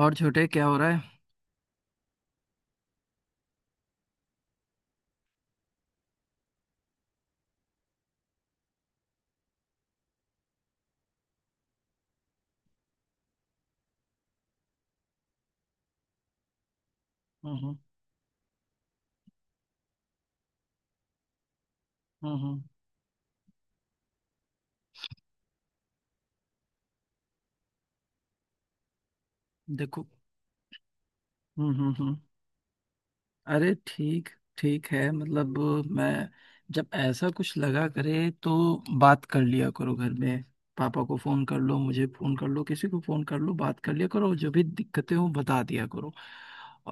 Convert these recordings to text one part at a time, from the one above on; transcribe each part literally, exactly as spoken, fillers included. और छोटे, क्या हो रहा है? हम्म। हम्म। हम्म। हम्म। देखो। हम्म। हम्म। हम्म। अरे, ठीक। ठीक है, मतलब मैं, जब ऐसा कुछ लगा करे तो बात कर लिया करो घर में। पापा को फोन कर लो, मुझे फोन कर लो, किसी को फोन कर लो, बात कर लिया करो। जो भी दिक्कतें हो बता दिया करो।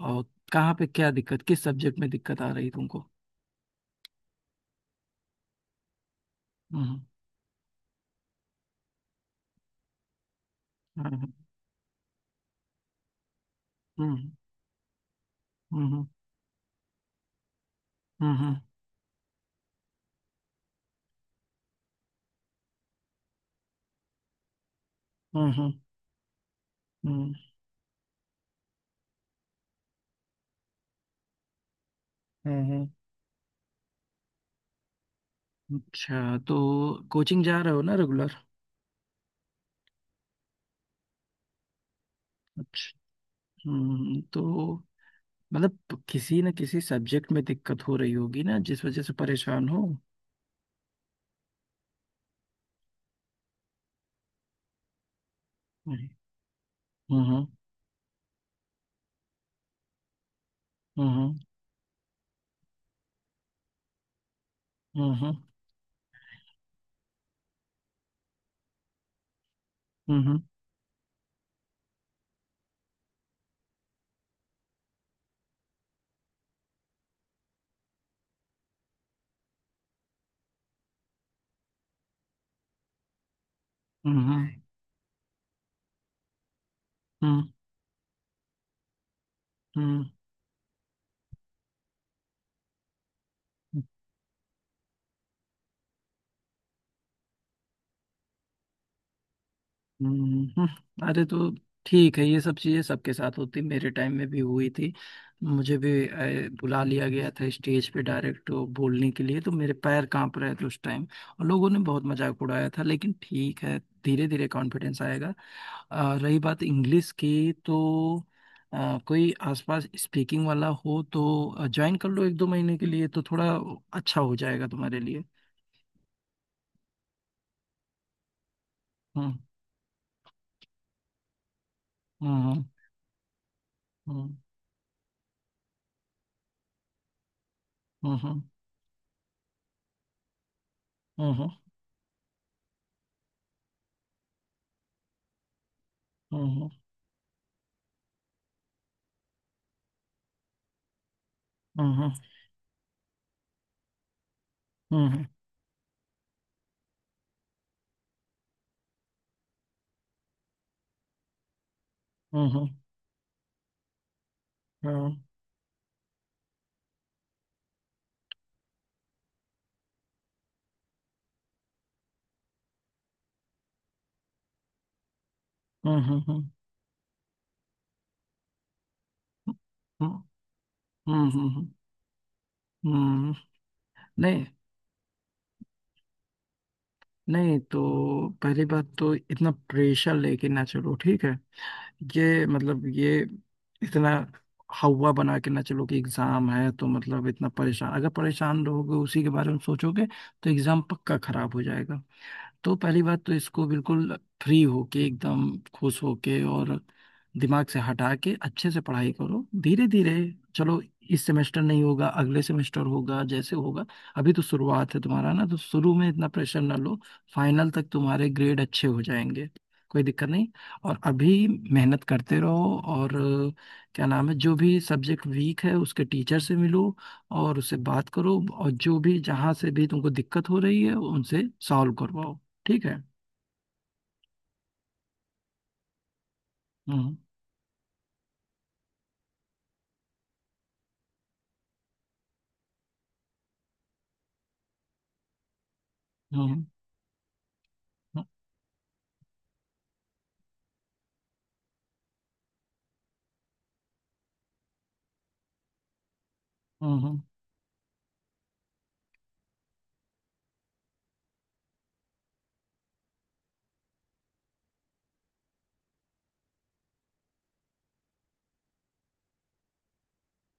और कहाँ पे क्या दिक्कत, किस सब्जेक्ट में दिक्कत आ रही तुमको? हम्म। हम्म। हम्म। हम्म। हम्म। हम्म। हम्म। हम्म। हम्म। हम्म। अच्छा, तो कोचिंग जा रहे हो ना रेगुलर? हम्म, तो मतलब किसी न किसी सब्जेक्ट में दिक्कत हो रही होगी ना, जिस वजह से परेशान हो। हम्म। हम्म। हम्म। हम्म। हम्म। हम्म। हम्म। हम्म। हम्म। अरे तो ठीक है, ये सब चीज़ें सबके साथ होती, मेरे टाइम में भी हुई थी। मुझे भी ए, बुला लिया गया था स्टेज पे डायरेक्ट बोलने के लिए, तो मेरे पैर कांप रहे थे उस टाइम। और लोगों ने बहुत मजाक उड़ाया था, लेकिन ठीक है। धीरे धीरे कॉन्फिडेंस आएगा। आ, रही बात इंग्लिश की, तो आ, कोई आसपास स्पीकिंग वाला हो तो ज्वाइन कर लो एक दो महीने के लिए, तो थोड़ा अच्छा हो जाएगा तुम्हारे लिए। हम्म। हम्म। हम्म। हम्म। हम्म। हम्म। हम्म। हम्म। हम्म। हम्म। हम्म। हम्म। नहीं। नहीं तो पहली बात, तो इतना प्रेशर लेके ना चलो, ठीक है। ये मतलब, ये इतना हवा बना के ना चलो कि एग्जाम है, तो मतलब इतना परेशान, अगर परेशान रहोगे, उसी के बारे में सोचोगे तो एग्जाम पक्का खराब हो जाएगा। तो पहली बात तो इसको बिल्कुल फ्री होके, एकदम खुश होके, और दिमाग से हटा के अच्छे से पढ़ाई करो धीरे धीरे। चलो, इस सेमेस्टर नहीं होगा, अगले सेमेस्टर होगा, जैसे होगा। अभी तो शुरुआत है तुम्हारा ना, तो शुरू में इतना प्रेशर ना लो। फाइनल तक तुम्हारे ग्रेड अच्छे हो जाएंगे। कोई दिक्कत नहीं। और अभी मेहनत करते रहो और अ, क्या नाम है, जो भी सब्जेक्ट वीक है उसके टीचर से मिलो। और उससे बात करो, और जो भी, जहाँ से भी तुमको दिक्कत हो रही है उनसे सॉल्व करवाओ। ठीक है। हम्म। हम्म। हम्म। हम्म।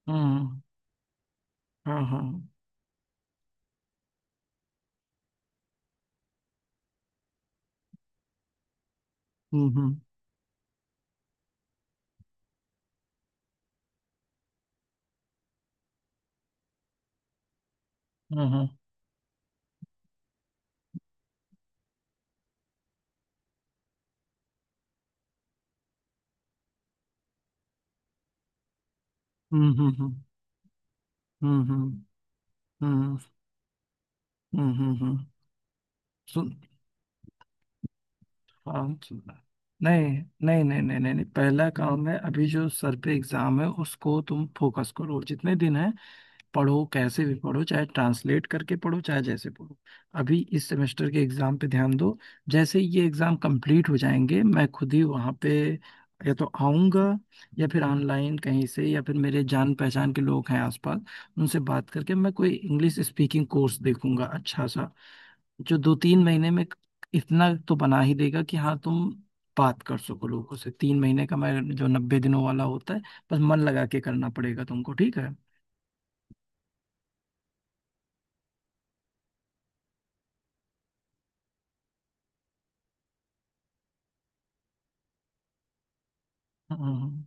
हम्म। हम्म। हाँ हाँ। हम्म। हम्म। हाँ, हाँ। हम्म। हम्म। हम्म। हम्म। हम्म। हम्म। हम्म। हम्म। सुन। हाँ, सुन। नहीं नहीं नहीं नहीं नहीं नहीं, पहला काम है अभी जो सर पे एग्जाम है उसको तुम फोकस करो, जितने दिन है पढ़ो, कैसे भी पढ़ो, चाहे ट्रांसलेट करके पढ़ो, चाहे जैसे पढ़ो। अभी इस सेमेस्टर के एग्जाम पे ध्यान दो। जैसे ही ये एग्जाम कंप्लीट हो जाएंगे, मैं खुद ही वहाँ पे या तो आऊँगा, या फिर ऑनलाइन कहीं से, या फिर मेरे जान पहचान के लोग हैं आसपास, उनसे बात करके मैं कोई इंग्लिश स्पीकिंग कोर्स देखूंगा अच्छा सा, जो दो तीन महीने में इतना तो बना ही देगा कि हाँ, तुम बात कर सको लोगों से। तीन महीने का, मैं जो नब्बे दिनों वाला होता है। बस मन लगा के करना पड़ेगा तुमको, ठीक है। हाँ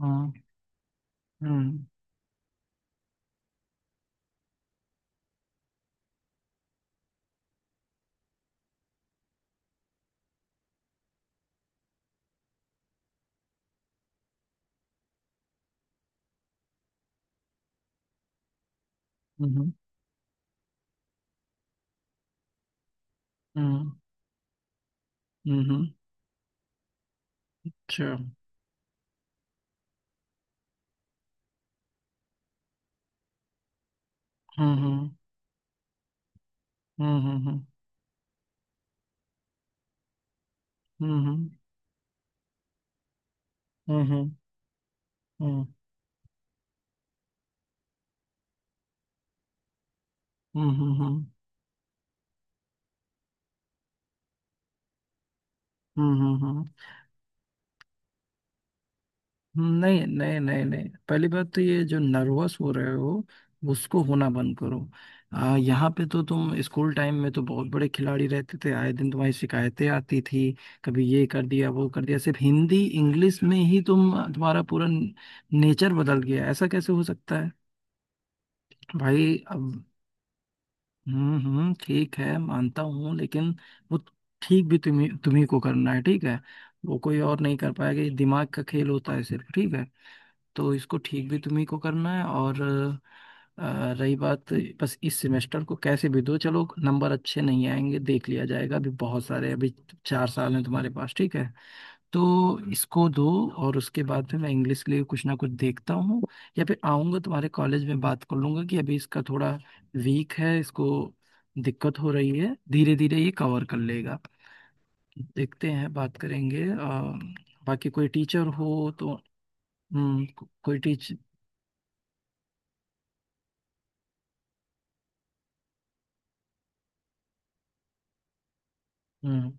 हाँ। हम्म। हम्म। हम्म। हम्म। अच्छा। हम्म। हम्म। हम्म। हम्म। हम्म। हम्म। हम्म। हम्म। नहीं नहीं नहीं नहीं, पहली बात तो ये जो नर्वस हो रहे हो, उसको होना बंद करो। आ, यहाँ पे तो तुम स्कूल टाइम में तो बहुत बड़े खिलाड़ी रहते थे, आए दिन तुम्हारी शिकायतें आती थी। कभी ये कर दिया, वो कर दिया। सिर्फ हिंदी इंग्लिश में ही तुम तुम्हारा पूरा नेचर बदल गया, ऐसा कैसे हो सकता है भाई? अब हम्म हम्म, ठीक है, मानता हूँ, लेकिन वो ठीक भी तुम्हें, तुम्ही को करना है, ठीक है। वो कोई और नहीं कर पाएगा, ये दिमाग का खेल होता है सिर्फ, ठीक है। तो इसको ठीक भी तुम्ही को करना है। और अ, रही बात, बस इस सेमेस्टर को कैसे भी दो, चलो नंबर अच्छे नहीं आएंगे देख लिया जाएगा। अभी बहुत सारे, अभी चार साल हैं तुम्हारे पास, ठीक है। तो इसको दो, और उसके बाद में मैं इंग्लिश के लिए कुछ ना कुछ देखता हूँ। या फिर आऊंगा तुम्हारे कॉलेज में बात कर लूंगा कि अभी इसका थोड़ा वीक है, इसको दिक्कत हो रही है, धीरे धीरे ये कवर कर लेगा। देखते हैं, बात करेंगे। अम, बाकी कोई टीचर हो तो। हम्म को, कोई टीचर। हम्म।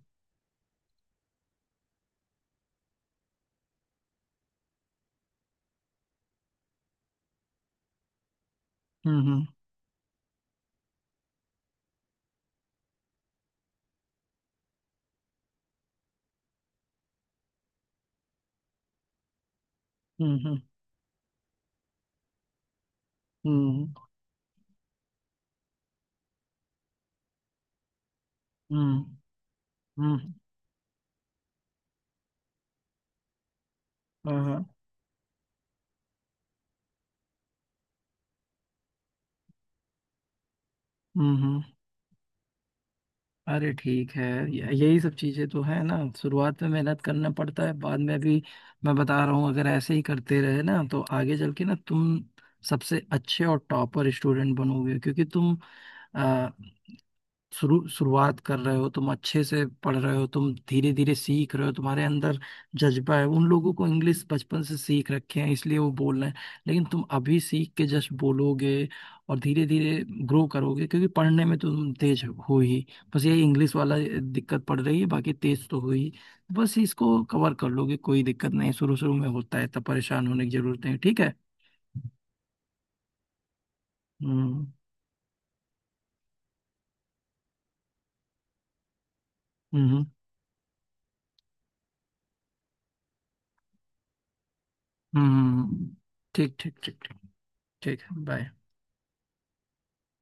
हम्म। हम्म। हम्म। हम्म। हम्म। हम्म हाँ, हाँ। हम्म। हम्म। अरे ठीक है, य- यही सब चीजें तो है ना, शुरुआत में मेहनत करना पड़ता है, बाद में भी। मैं बता रहा हूँ, अगर ऐसे ही करते रहे ना तो आगे चल के ना तुम सबसे अच्छे और टॉपर स्टूडेंट बनोगे, क्योंकि तुम शुरू शुरुआत कर रहे हो, तुम अच्छे से पढ़ रहे हो, तुम धीरे धीरे सीख रहे हो, तुम्हारे अंदर जज्बा है। उन लोगों को इंग्लिश बचपन से सीख रखे हैं इसलिए वो बोल रहे हैं, लेकिन तुम अभी सीख के जस्ट बोलोगे और धीरे धीरे ग्रो करोगे, क्योंकि पढ़ने में तुम तेज हो ही। बस यही इंग्लिश वाला दिक्कत पड़ रही है, बाकी तेज तो हो ही। बस इसको कवर कर लोगे, कोई दिक्कत नहीं। शुरू शुरू में होता है, तब परेशान होने की जरूरत नहीं, ठीक है। हम्म। हम्म। हम्म। हम्म, ठीक ठीक ठीक ठीक। ठीक है, बाय।